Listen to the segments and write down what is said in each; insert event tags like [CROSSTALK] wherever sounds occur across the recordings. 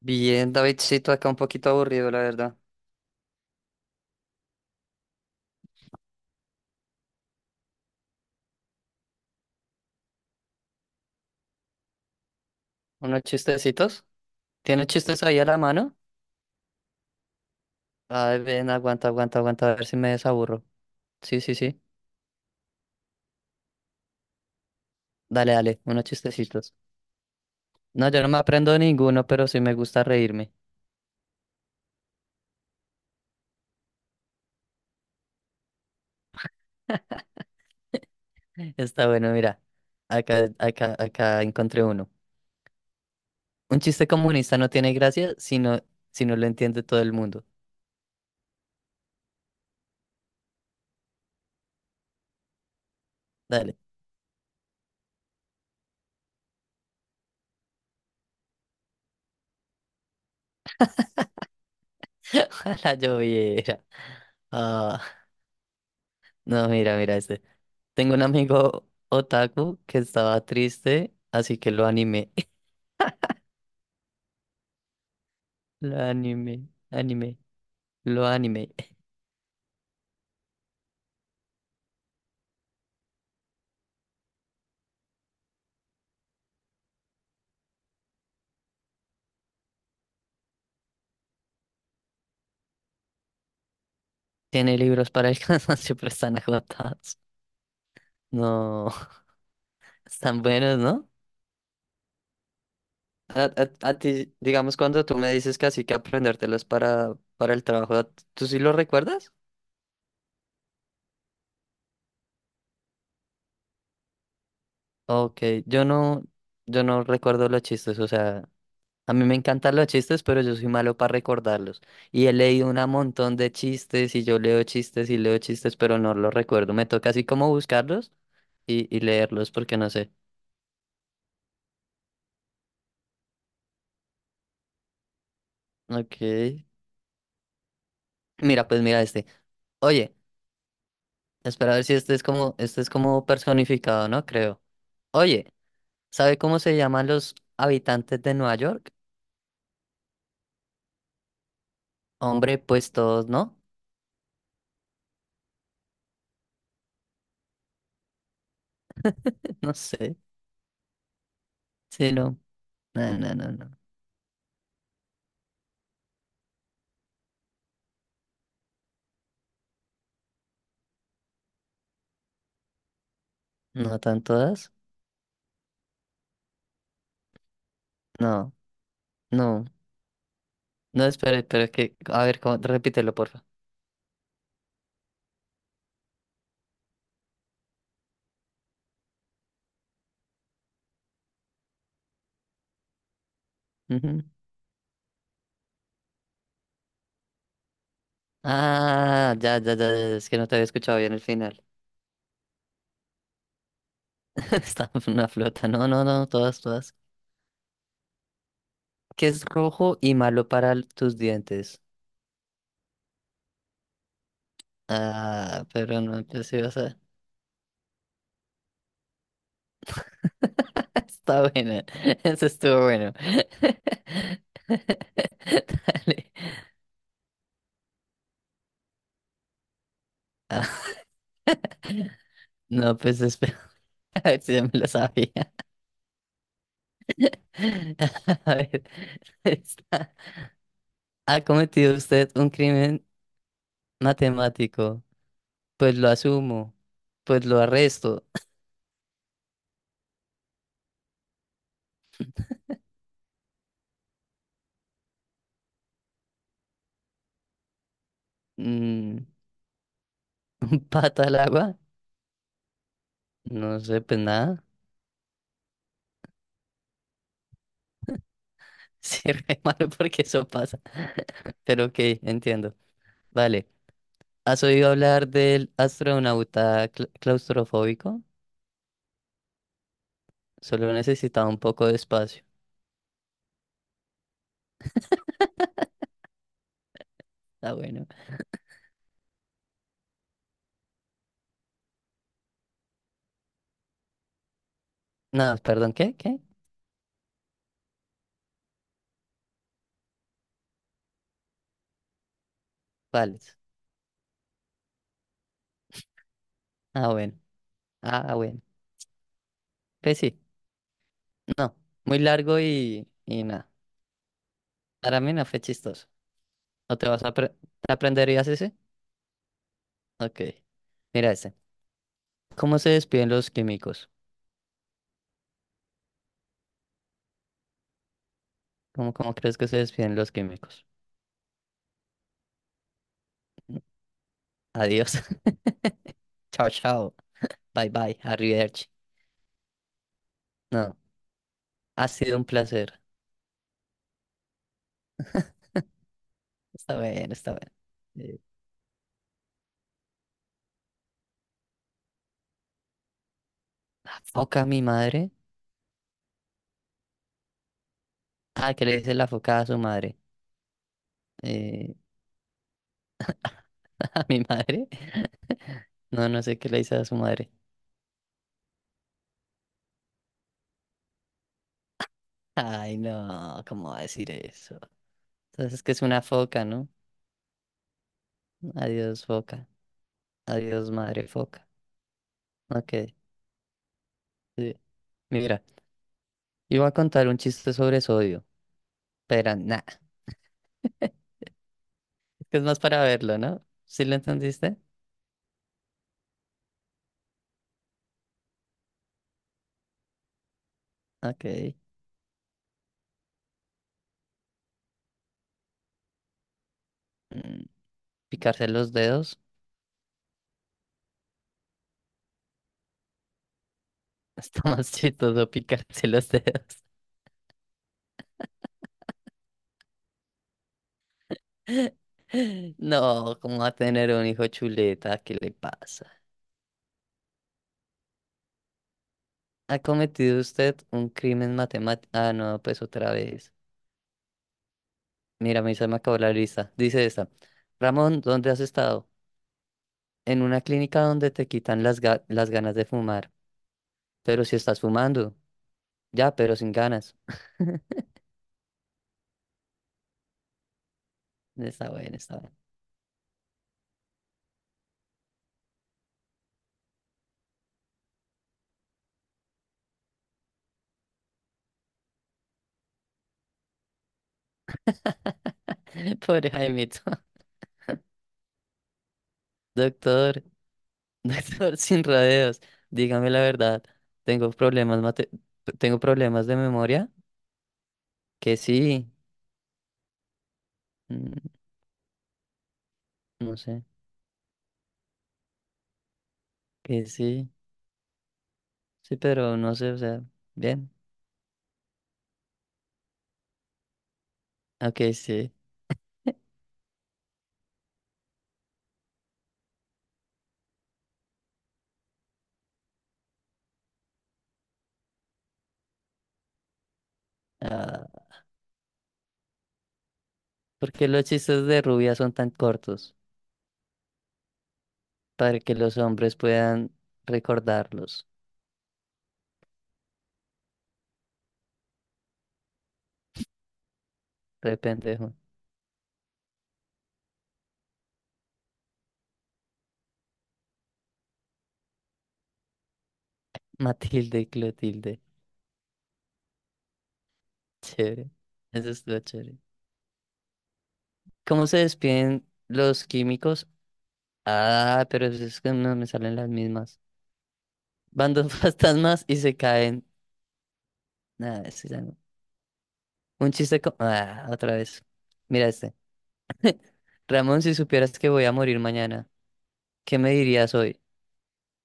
Bien, Davidcito, acá un poquito aburrido, la verdad. ¿Unos chistecitos? ¿Tiene chistes ahí a la mano? Ay, ven, aguanta, aguanta, aguanta, a ver si me desaburro. Sí, sí, sí. Dale, dale, unos chistecitos. No, yo no me aprendo ninguno, pero sí me gusta reírme. [LAUGHS] Está bueno, mira. Acá, acá, acá encontré uno. Un chiste comunista no tiene gracia si no lo entiende todo el mundo. Dale. [LAUGHS] A la lloviera. Ah, no, mira, mira este. Tengo un amigo otaku que estaba triste, así que lo animé. [LAUGHS] Lo animé, animé, lo animé. Tiene libros para [LAUGHS] el cansancio, pero están agotados. No, [LAUGHS] están buenos, ¿no? A ti, digamos, cuando tú me dices que así que aprendértelos para el trabajo, ¿tú sí lo recuerdas? Ok, yo no recuerdo los chistes, o sea. A mí me encantan los chistes, pero yo soy malo para recordarlos. Y he leído un montón de chistes y yo leo chistes y leo chistes, pero no los recuerdo. Me toca así como buscarlos y leerlos porque no sé. Ok. Mira, pues mira este. Oye, espera a ver si este es como, este es como personificado, ¿no? Creo. Oye, ¿sabe cómo se llaman los habitantes de Nueva York? Hombre, pues todos, ¿no? [LAUGHS] No sé. Sí, no. No, no, no, no. ¿No tan todas? No, no. No, espera, espera, que, a ver, repítelo, porfa. Ujú. Ah, ya, ya, ya, ya, es que no te había escuchado bien el final. [LAUGHS] Está una flota, no, no, no, todas, todas. Que es rojo y malo para tus dientes. Ah, pero no, yo sí, o sea, [LAUGHS] está buena, [LAUGHS] eso estuvo bueno. [LAUGHS] Dale. Ah, no, pues espera, [LAUGHS] a ver si ya me lo sabía. [LAUGHS] A ver, [LAUGHS] está. ¿Ha cometido usted un crimen matemático? Pues lo asumo, pues lo arresto. Mm, [LAUGHS] pata al agua, no sé, pues nada. [LAUGHS] Sí, re malo porque eso pasa. [LAUGHS] Pero ok, entiendo. Vale, ¿has oído hablar del astronauta claustrofóbico? Solo necesitaba un poco de espacio. Ah, bueno. No, perdón, ¿qué? ¿Qué? Vale. Ah, bueno. Ah, bueno. Pues sí, no. Muy largo y nada. Para mí no fue chistoso. ¿No te vas a apre- ¿te aprenderías ese? Ok. Mira ese. ¿Cómo se despiden los químicos? ¿Cómo, cómo crees que se despiden los químicos? Adiós. [LAUGHS] Chao, chao. Bye, bye. Arrivederci. No, ha sido un placer. Está bien, está bien. ¿La foca a mi madre? Ah, ¿qué le dice la foca a su madre? Eh, [LAUGHS] ¿a mi madre? [LAUGHS] No, no sé qué le dice a su madre. Ay, no, ¿cómo va a decir eso? Entonces es que es una foca, ¿no? Adiós, foca. Adiós, madre foca. Ok, sí. Mira, iba a contar un chiste sobre sodio, pero nada. Que es más para verlo, ¿no? ¿Sí lo entendiste? Ok. Mm, picarse los dedos. [LAUGHS] Está más chistoso picarse los dedos. [LAUGHS] No, ¿cómo va a tener un hijo chuleta? ¿Qué le pasa? ¿Ha cometido usted un crimen matemático? Ah, no, pues otra vez. Mira, a mí se me acabó la lista. Dice esta. Ramón, ¿dónde has estado? En una clínica donde te quitan las, las ganas de fumar. Pero si estás fumando. Ya, pero sin ganas. [LAUGHS] Está bueno, está bueno. [LAUGHS] Pobre Jaimito. [LAUGHS] Doctor, doctor sin rodeos, dígame la verdad. Tengo problemas tengo problemas de memoria, que sí, mm, no sé, que sí, sí, pero no sé, o sea, bien, ok, sí. [LAUGHS] Ah, ¿por qué los chistes de rubia son tan cortos? Para que los hombres puedan recordarlos. Re pendejo. [LAUGHS] Matilde y Clotilde. Chévere. Eso es lo chévere. ¿Cómo se despiden los químicos? Ah, pero pues es que no me salen las mismas. Van dos [LAUGHS] fantasmas y se caen. Nada, ese ya no. Ah, otra vez. Mira este. Ramón, si supieras que voy a morir mañana, ¿qué me dirías hoy?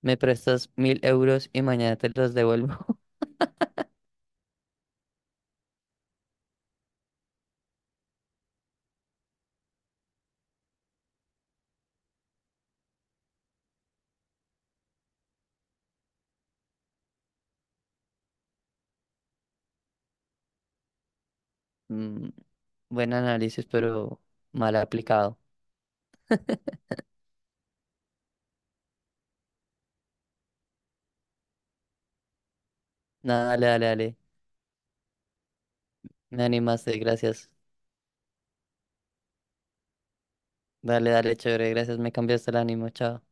¿Me prestas 1000 € y mañana te los devuelvo? [LAUGHS] Mm, buen análisis, pero mal aplicado. Nada, dale, dale, dale. Me animaste, gracias. Dale, dale, chévere, gracias. Me cambiaste el ánimo, chao.